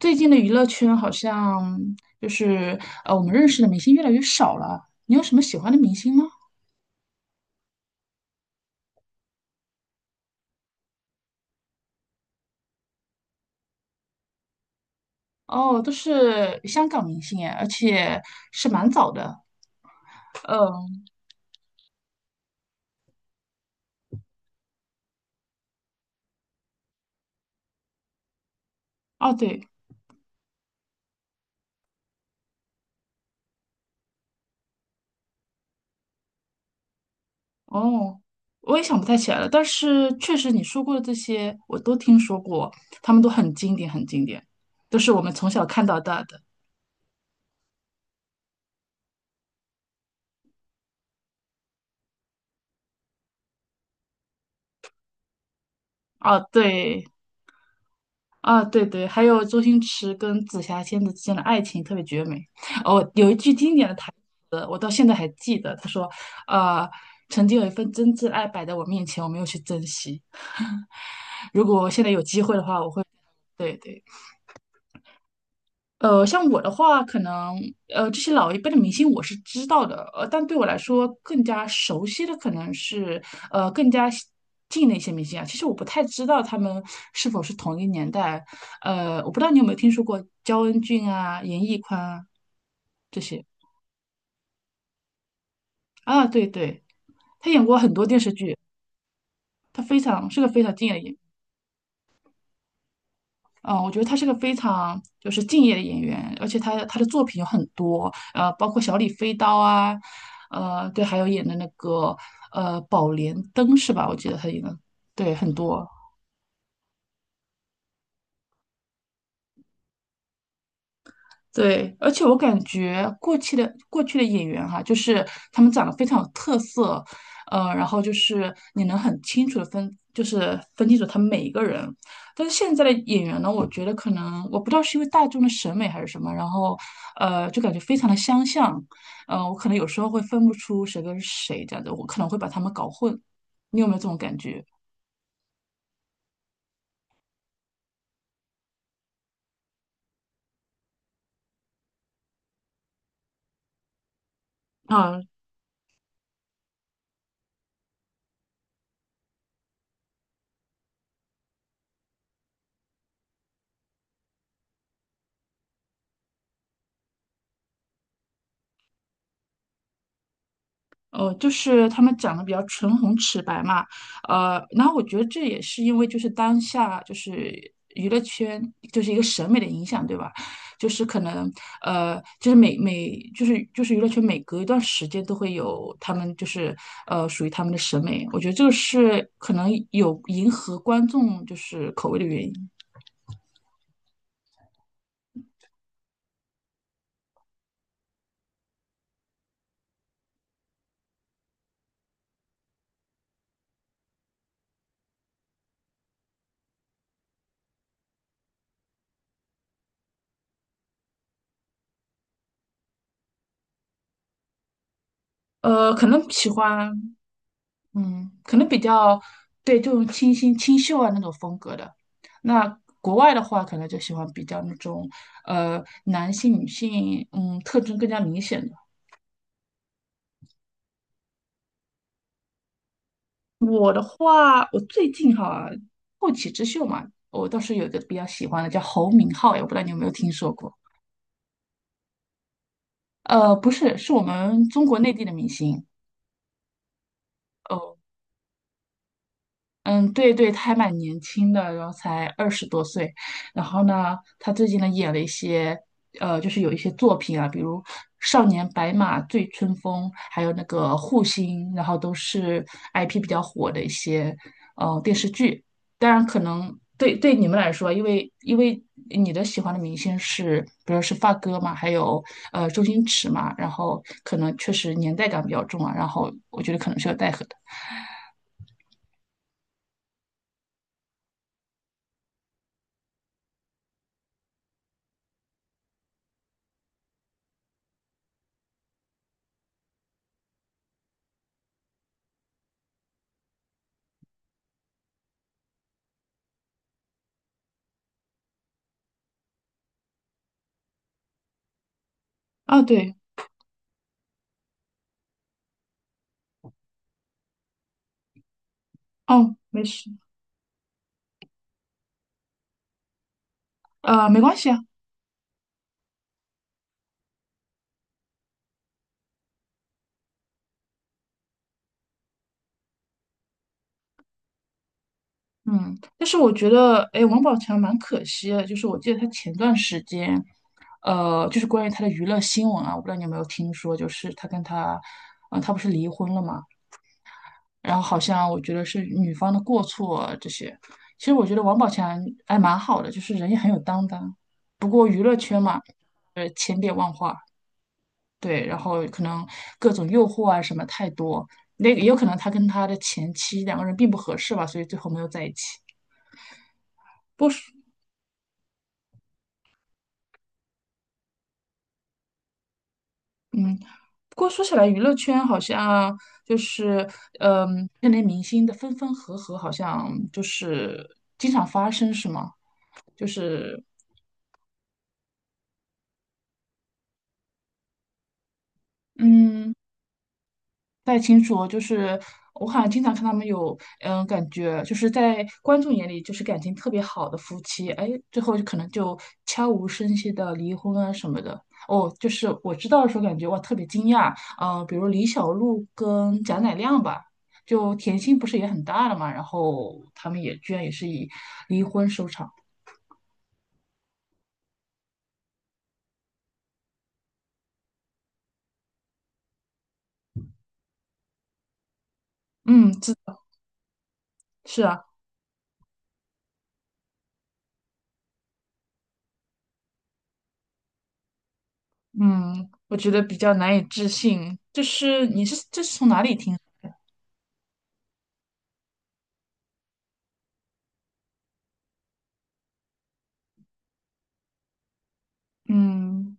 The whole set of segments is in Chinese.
最近的娱乐圈好像就是我们认识的明星越来越少了。你有什么喜欢的明星吗？哦，都是香港明星哎，而且是蛮早的。嗯，哦对，哦，我也想不太起来了。但是确实你说过的这些，我都听说过，他们都很经典，很经典，都是我们从小看到大的。哦，对，啊，对对，还有周星驰跟紫霞仙子之间的爱情特别绝美。哦，有一句经典的台词，我到现在还记得，他说：“呃，曾经有一份真挚爱摆在我面前，我没有去珍惜。如果现在有机会的话，我会……对对，像我的话，可能这些老一辈的明星我是知道的，但对我来说更加熟悉的可能是更加西近的一些明星啊。其实我不太知道他们是否是同一年代，我不知道你有没有听说过焦恩俊啊、严屹宽啊这些啊，对对，他演过很多电视剧，他非常是个非常敬业的演员。嗯，我觉得他是个非常就是敬业的演员，而且他的作品有很多，包括《小李飞刀》啊，对，还有演的那个《宝莲灯》是吧？我记得他演的，对，很多。对，而且我感觉过去的演员哈、就是他们长得非常有特色，然后就是你能很清楚的分，就是分清楚他们每一个人。但是现在的演员呢，我觉得可能我不知道是因为大众的审美还是什么，然后就感觉非常的相像，我可能有时候会分不出谁跟谁这样子，我可能会把他们搞混。你有没有这种感觉？就是他们长得比较唇红齿白嘛，然后我觉得这也是因为就是当下就是娱乐圈就是一个审美的影响，对吧？就是可能呃，就是娱乐圈每隔一段时间都会有他们就是属于他们的审美，我觉得这个是可能有迎合观众就是口味的原因。呃，可能喜欢嗯，可能比较对这种清新清秀啊那种风格的。那国外的话，可能就喜欢比较那种男性女性特征更加明显的。我的话，我最近哈后起之秀嘛，我倒是有一个比较喜欢的叫侯明昊，也不知道你有没有听说过？不是，是我们中国内地的明星。哦。嗯，对对，他还蛮年轻的，然后才二十多岁。然后呢，他最近呢演了一些，就是有一些作品啊，比如《少年白马》《醉春风》，还有那个《护心》，然后都是 IP 比较火的一些，电视剧。当然，可能对对你们来说，因为你的喜欢的明星是，比如说是发哥嘛，还有周星驰嘛，然后可能确实年代感比较重啊，然后我觉得可能是有带合的。啊，对，哦，没事。没关系啊。嗯，但是我觉得，哎，王宝强蛮可惜的，就是我记得他前段时间，就是关于他的娱乐新闻啊，我不知道你有没有听说，就是他跟他，啊、他不是离婚了嘛，然后好像我觉得是女方的过错啊这些，其实我觉得王宝强还蛮好的，就是人也很有担当，不过娱乐圈嘛，千变万化，对，然后可能各种诱惑啊什么太多，那也有可能他跟他的前妻两个人并不合适吧，所以最后没有在一起。不过说起来，娱乐圈好像就是，嗯，那类明星的分分合合，好像就是经常发生，是吗？就是，嗯。不太清楚哦，就是我好像经常看他们有，嗯，感觉就是在观众眼里就是感情特别好的夫妻，哎，最后就可能悄无声息的离婚啊什么的。哦，就是我知道的时候感觉哇特别惊讶，比如李小璐跟贾乃亮吧，就甜心不是也很大了嘛，然后他们也居然也是以离婚收场。嗯，这是啊，嗯，我觉得比较难以置信，就是你是这是从哪里听？嗯。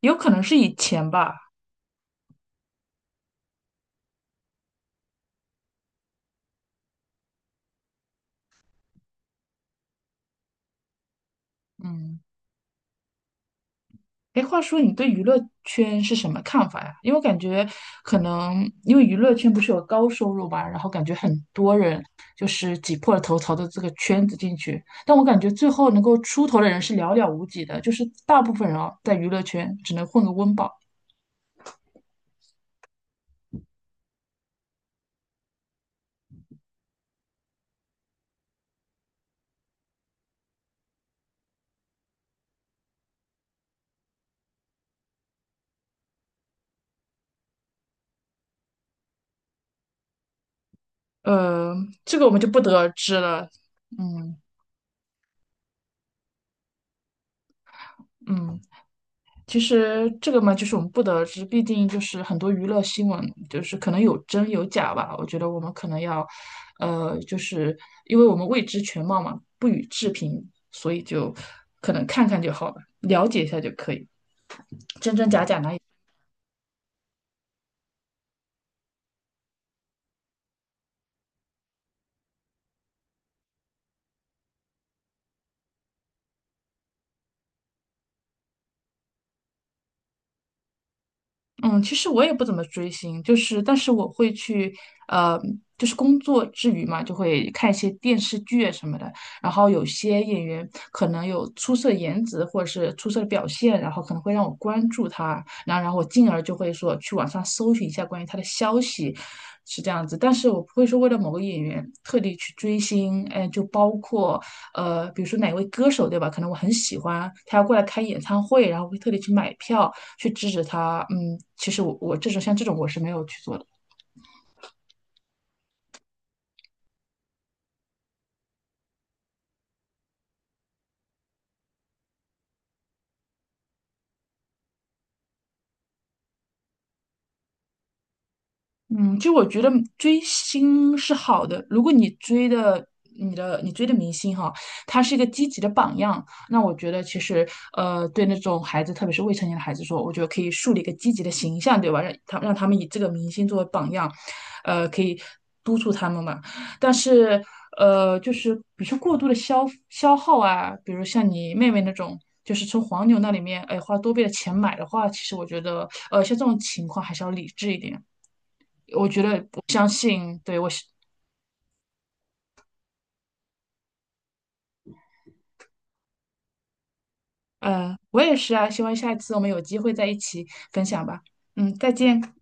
有可能是以前吧。嗯哎，话说你对娱乐圈是什么看法呀？因为我感觉可能因为娱乐圈不是有高收入嘛，然后感觉很多人就是挤破了头朝着这个圈子进去，但我感觉最后能够出头的人是寥寥无几的，就是大部分人啊，在娱乐圈只能混个温饱。呃，这个我们就不得而知了。嗯。嗯。其实这个嘛，就是我们不得而知，毕竟就是很多娱乐新闻，就是可能有真有假吧。我觉得我们可能要，就是因为我们未知全貌嘛，不予置评，所以就可能看看就好了，了解一下就可以。真真假嗯，其实我也不怎么追星，就是但是我会去，呃，就是工作之余嘛，就会看一些电视剧啊什么的。然后有些演员可能有出色的颜值或者是出色的表现，然后可能会让我关注他，然后我进而就会说去网上搜寻一下关于他的消息，是这样子。但是我不会说为了某个演员特地去追星，哎，就包括比如说哪位歌手对吧？可能我很喜欢，他要过来开演唱会，然后会特地去买票。去制止他，嗯，其实我这种像这种我是没有去做的。嗯，就我觉得追星是好的，如果你追的明星哈，他是一个积极的榜样，那我觉得其实对那种孩子，特别是未成年的孩子说，我觉得可以树立一个积极的形象，对吧？让他们以这个明星作为榜样，可以督促他们嘛。但是就是比如说过度的消耗啊，比如像你妹妹那种。就是从黄牛那里面，哎，花多倍的钱买的话，其实我觉得，像这种情况还是要理智一点。我觉得我相信，对，我是，我也是啊，希望下一次我们有机会在一起分享吧。嗯，再见。